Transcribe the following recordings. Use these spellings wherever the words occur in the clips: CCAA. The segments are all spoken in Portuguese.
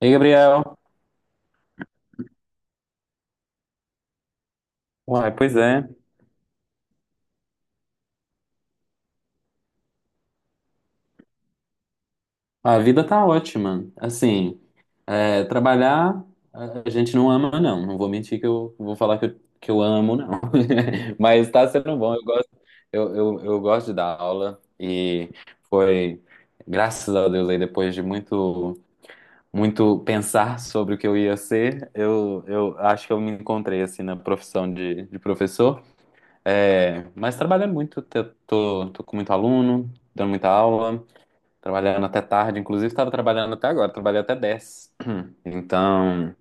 Ei, Gabriel. Uai, pois é. A vida tá ótima. Assim, trabalhar a gente não ama, não. Não vou mentir que eu vou falar que eu, amo, não. Mas tá sendo bom. Eu gosto, eu gosto de dar aula e foi, graças a Deus, aí depois de muito, muito pensar sobre o que eu ia ser, eu acho que eu me encontrei, assim, na profissão de professor. É, mas trabalhando muito, tô com muito aluno, dando muita aula. Trabalhando até tarde, inclusive estava trabalhando até agora, trabalhei até 10. Então,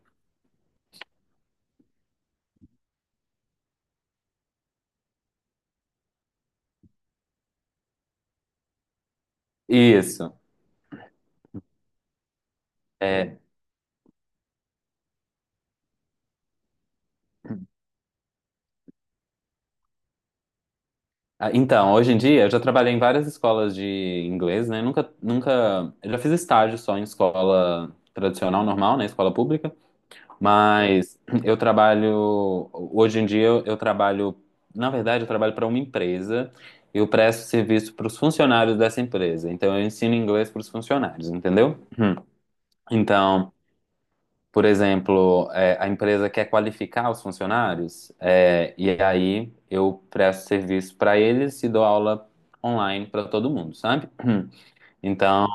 isso. É, então, hoje em dia eu já trabalhei em várias escolas de inglês, né? Nunca, nunca, eu já fiz estágio só em escola tradicional, normal, né? Escola pública, mas eu trabalho, hoje em dia eu trabalho, na verdade eu trabalho para uma empresa, eu presto serviço para os funcionários dessa empresa, então eu ensino inglês para os funcionários, entendeu? Então, por exemplo, é, a empresa quer qualificar os funcionários, é, e aí eu presto serviço para eles e dou aula online para todo mundo, sabe? Então,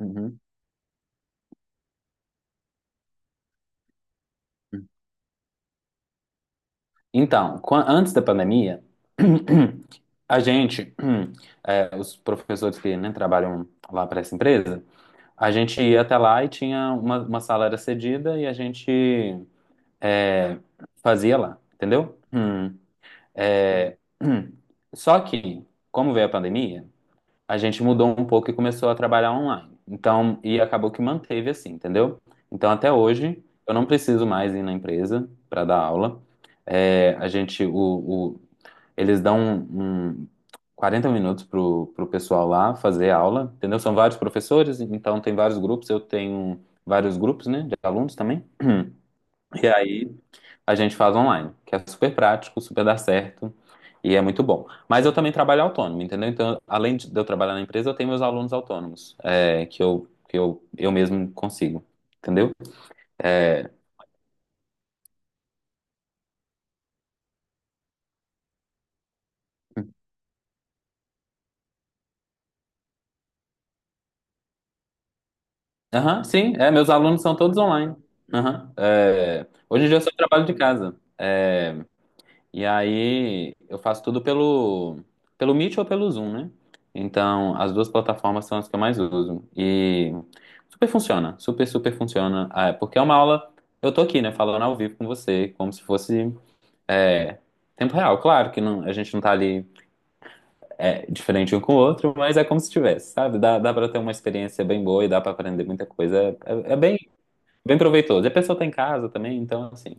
uhum. Então, antes da pandemia, a gente, é, os professores que né, trabalham lá para essa empresa, a gente ia até lá e tinha uma sala era cedida e a gente é, fazia lá, entendeu? É. Só que, como veio a pandemia, a gente mudou um pouco e começou a trabalhar online. Então, e acabou que manteve assim, entendeu? Então, até hoje, eu não preciso mais ir na empresa para dar aula. É, a gente, eles dão um, 40 minutos pro pessoal lá fazer aula, entendeu? São vários professores, então tem vários grupos, eu tenho vários grupos, né, de alunos também. E aí, a gente faz online, que é super prático, super dá certo e é muito bom. Mas eu também trabalho autônomo, entendeu? Então, além de eu trabalhar na empresa, eu tenho meus alunos autônomos, que eu, eu mesmo consigo, entendeu? É, aham, sim, meus alunos são todos online. Aham, hoje em dia eu só trabalho de casa. é, E aí eu faço tudo pelo Meet ou pelo Zoom, né? Então, as duas plataformas são as que eu mais uso. E super funciona, super, super funciona. Ah, porque é uma aula, eu tô aqui, né, falando ao vivo com você, como se fosse é, tempo real. Claro que não, a gente não tá ali diferente um com o outro, mas é como se tivesse, sabe? Dá pra ter uma experiência bem boa e dá pra aprender muita coisa. É bem, bem proveitoso. E a pessoa tá em casa também, então, assim.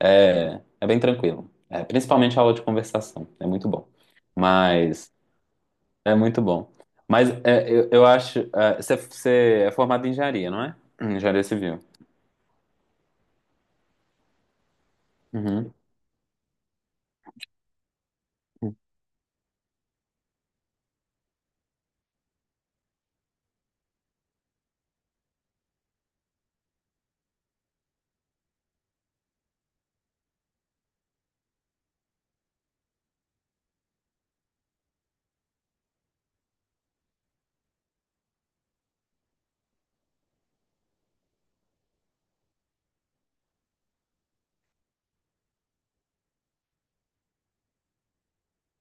É bem tranquilo. É, principalmente a aula de conversação. É muito bom. Mas é muito bom. Mas é, eu acho. Você é formado em engenharia, não é? Engenharia civil. Uhum,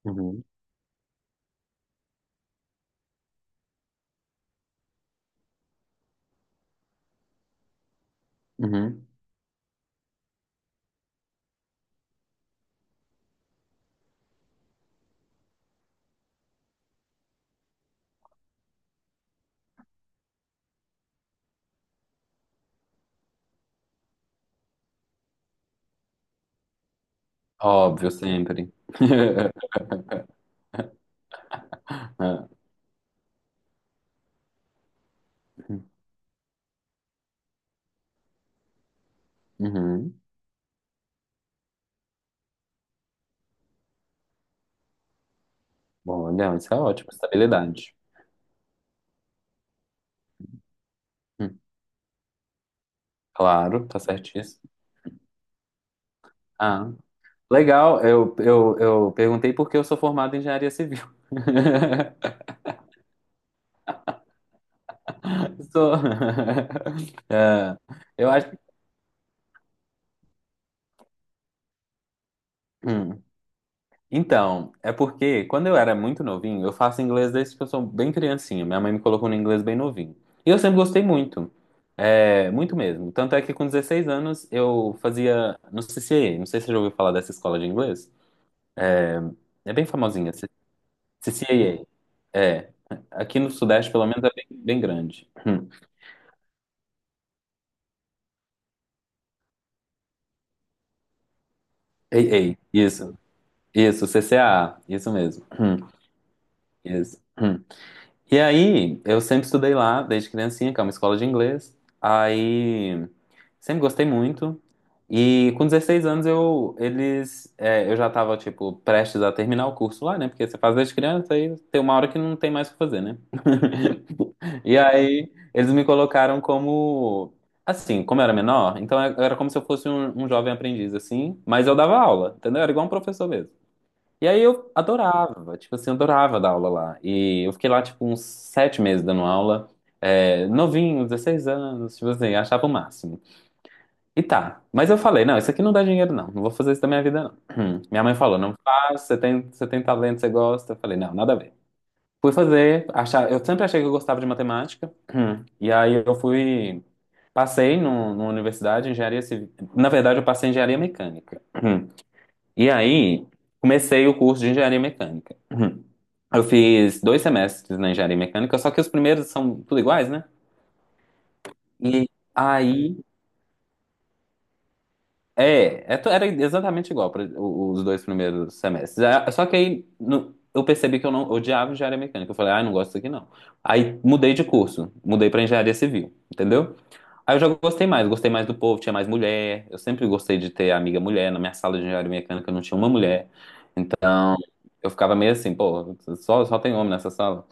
uhum, uhum. Óbvio, sempre. É, uhum. Bom, legal, isso é ótimo. Estabilidade. Hum, Claro, tá certíssimo. Ah, legal. Eu perguntei porque eu sou formado em engenharia civil. Sou. É, eu acho. Hum. Então, é porque quando eu era muito novinho, eu faço inglês desde que eu sou bem criancinha. Minha mãe me colocou no inglês bem novinho. E eu sempre gostei muito. É, muito mesmo. Tanto é que com 16 anos eu fazia no CCA. Não sei se você já ouviu falar dessa escola de inglês. É bem famosinha, CCAA. É. Aqui no Sudeste, pelo menos, é bem, bem grande. Hum. Ei, ei. Isso. Isso, CCAA. Isso mesmo. Hum. Isso. Hum. E aí, eu sempre estudei lá desde criancinha, que é uma escola de inglês. Aí. Sempre gostei muito. E com 16 anos eu já tava tipo prestes a terminar o curso lá, né? Porque você faz desde criança e tem uma hora que não tem mais o que fazer, né? E aí eles me colocaram como assim, como eu era menor, então eu era como se eu fosse um jovem aprendiz assim, mas eu dava aula, entendeu? Era igual um professor mesmo. E aí eu adorava, tipo assim, eu adorava dar aula lá. E eu fiquei lá tipo uns 7 meses dando aula, novinho, 16 anos, tipo assim, achava o máximo. E tá. Mas eu falei, não, isso aqui não dá dinheiro, não. Não vou fazer isso da minha vida, não. Hum. Minha mãe falou, não faz, você tem talento, você gosta. Eu falei, não, nada a ver. Fui fazer, achar, eu sempre achei que eu gostava de matemática. Hum. E aí eu fui, passei no, numa universidade, engenharia civil. Na verdade, eu passei em engenharia mecânica. Hum. E aí comecei o curso de engenharia mecânica. Hum. Eu fiz 2 semestres na engenharia mecânica, só que os primeiros são tudo iguais, né? E aí, era exatamente igual para os 2 primeiros semestres. Ah, só que aí eu percebi que eu não odiava engenharia mecânica. Eu falei, ah, não gosto disso aqui não. Aí mudei de curso, mudei para engenharia civil, entendeu? Aí eu já gostei mais do povo, tinha mais mulher. Eu sempre gostei de ter amiga mulher. Na minha sala de engenharia mecânica não tinha uma mulher. Eu ficava meio assim, pô, só tem homem nessa sala.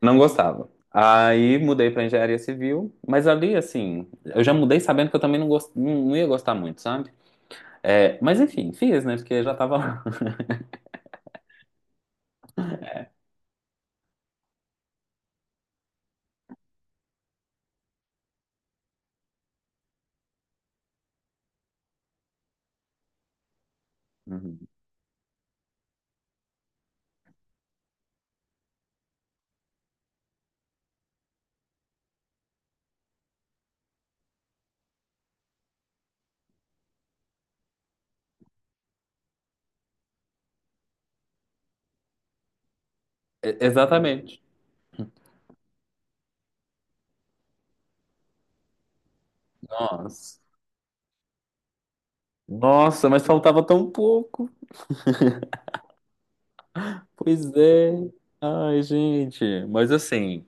Não gostava. Aí mudei para engenharia civil, mas ali assim, eu já mudei sabendo que eu também não, não não ia gostar muito, sabe? É, mas enfim, fiz, né? Porque já tava lá. Uhum. Exatamente. Nossa. Nossa, mas faltava tão pouco. Pois é. Ai, gente. Mas assim,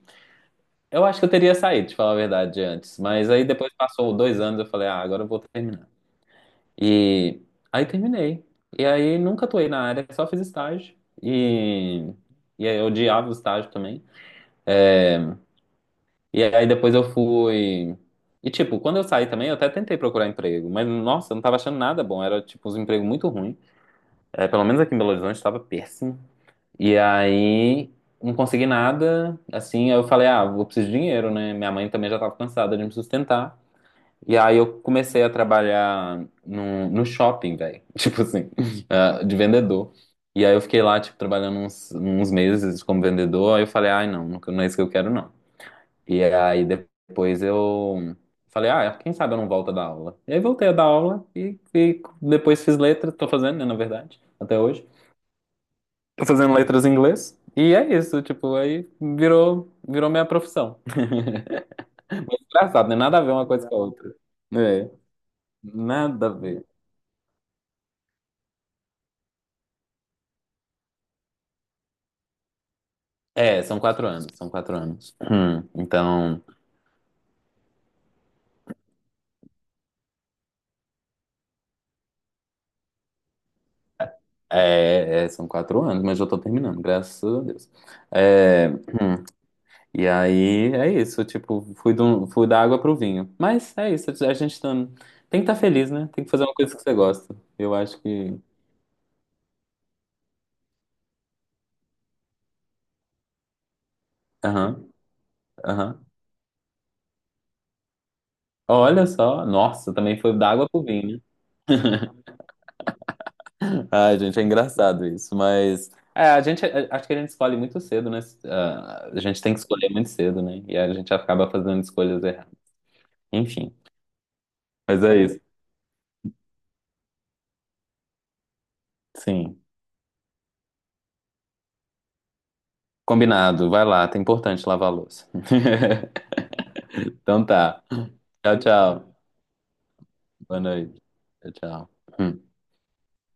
eu acho que eu teria saído, te falar a verdade, antes. Mas aí depois passou 2 anos, eu falei, ah, agora eu vou terminar. E aí terminei. E aí nunca atuei na área, só fiz estágio. E, e aí eu odiava o estágio também. E aí depois eu fui. E tipo, quando eu saí também, eu até tentei procurar emprego, mas nossa, eu não tava achando nada bom, era tipo uns empregos muito ruins. É, pelo menos aqui em Belo Horizonte tava péssimo. E aí não consegui nada, assim, aí eu falei, ah, eu preciso de dinheiro, né? Minha mãe também já tava cansada de me sustentar. E aí eu comecei a trabalhar no, shopping, velho. Tipo assim, ah, de vendedor. E aí eu fiquei lá, tipo, trabalhando uns meses como vendedor. Aí eu falei, ai, não, não é isso que eu quero, não. E aí depois eu falei, ah, quem sabe eu não volto a dar aula. E aí voltei a dar aula e depois fiz letra, tô fazendo, né, na verdade, até hoje. Tô fazendo letras em inglês. E é isso, tipo, aí virou minha profissão. Engraçado, né? Nada a ver uma coisa com a outra. É, nada a ver. É, são quatro anos. Então, são 4 anos, mas eu tô terminando, graças a Deus. É, e aí é isso, tipo, fui, fui da água pro vinho. Mas é isso, a gente tá, tem que estar feliz, né? Tem que fazer uma coisa que você gosta. Eu acho que. Aham, aham. Olha só, nossa, também foi da água pro vinho, né? Ai, gente, é engraçado isso, mas. É, a gente, acho que a gente escolhe muito cedo, né? Ah, a gente tem que escolher muito cedo, né? E a gente acaba fazendo escolhas erradas. Enfim, mas é isso. Sim. Combinado, vai lá, tá importante lavar a louça. Então tá. Tchau, tchau. Boa noite. Tchau.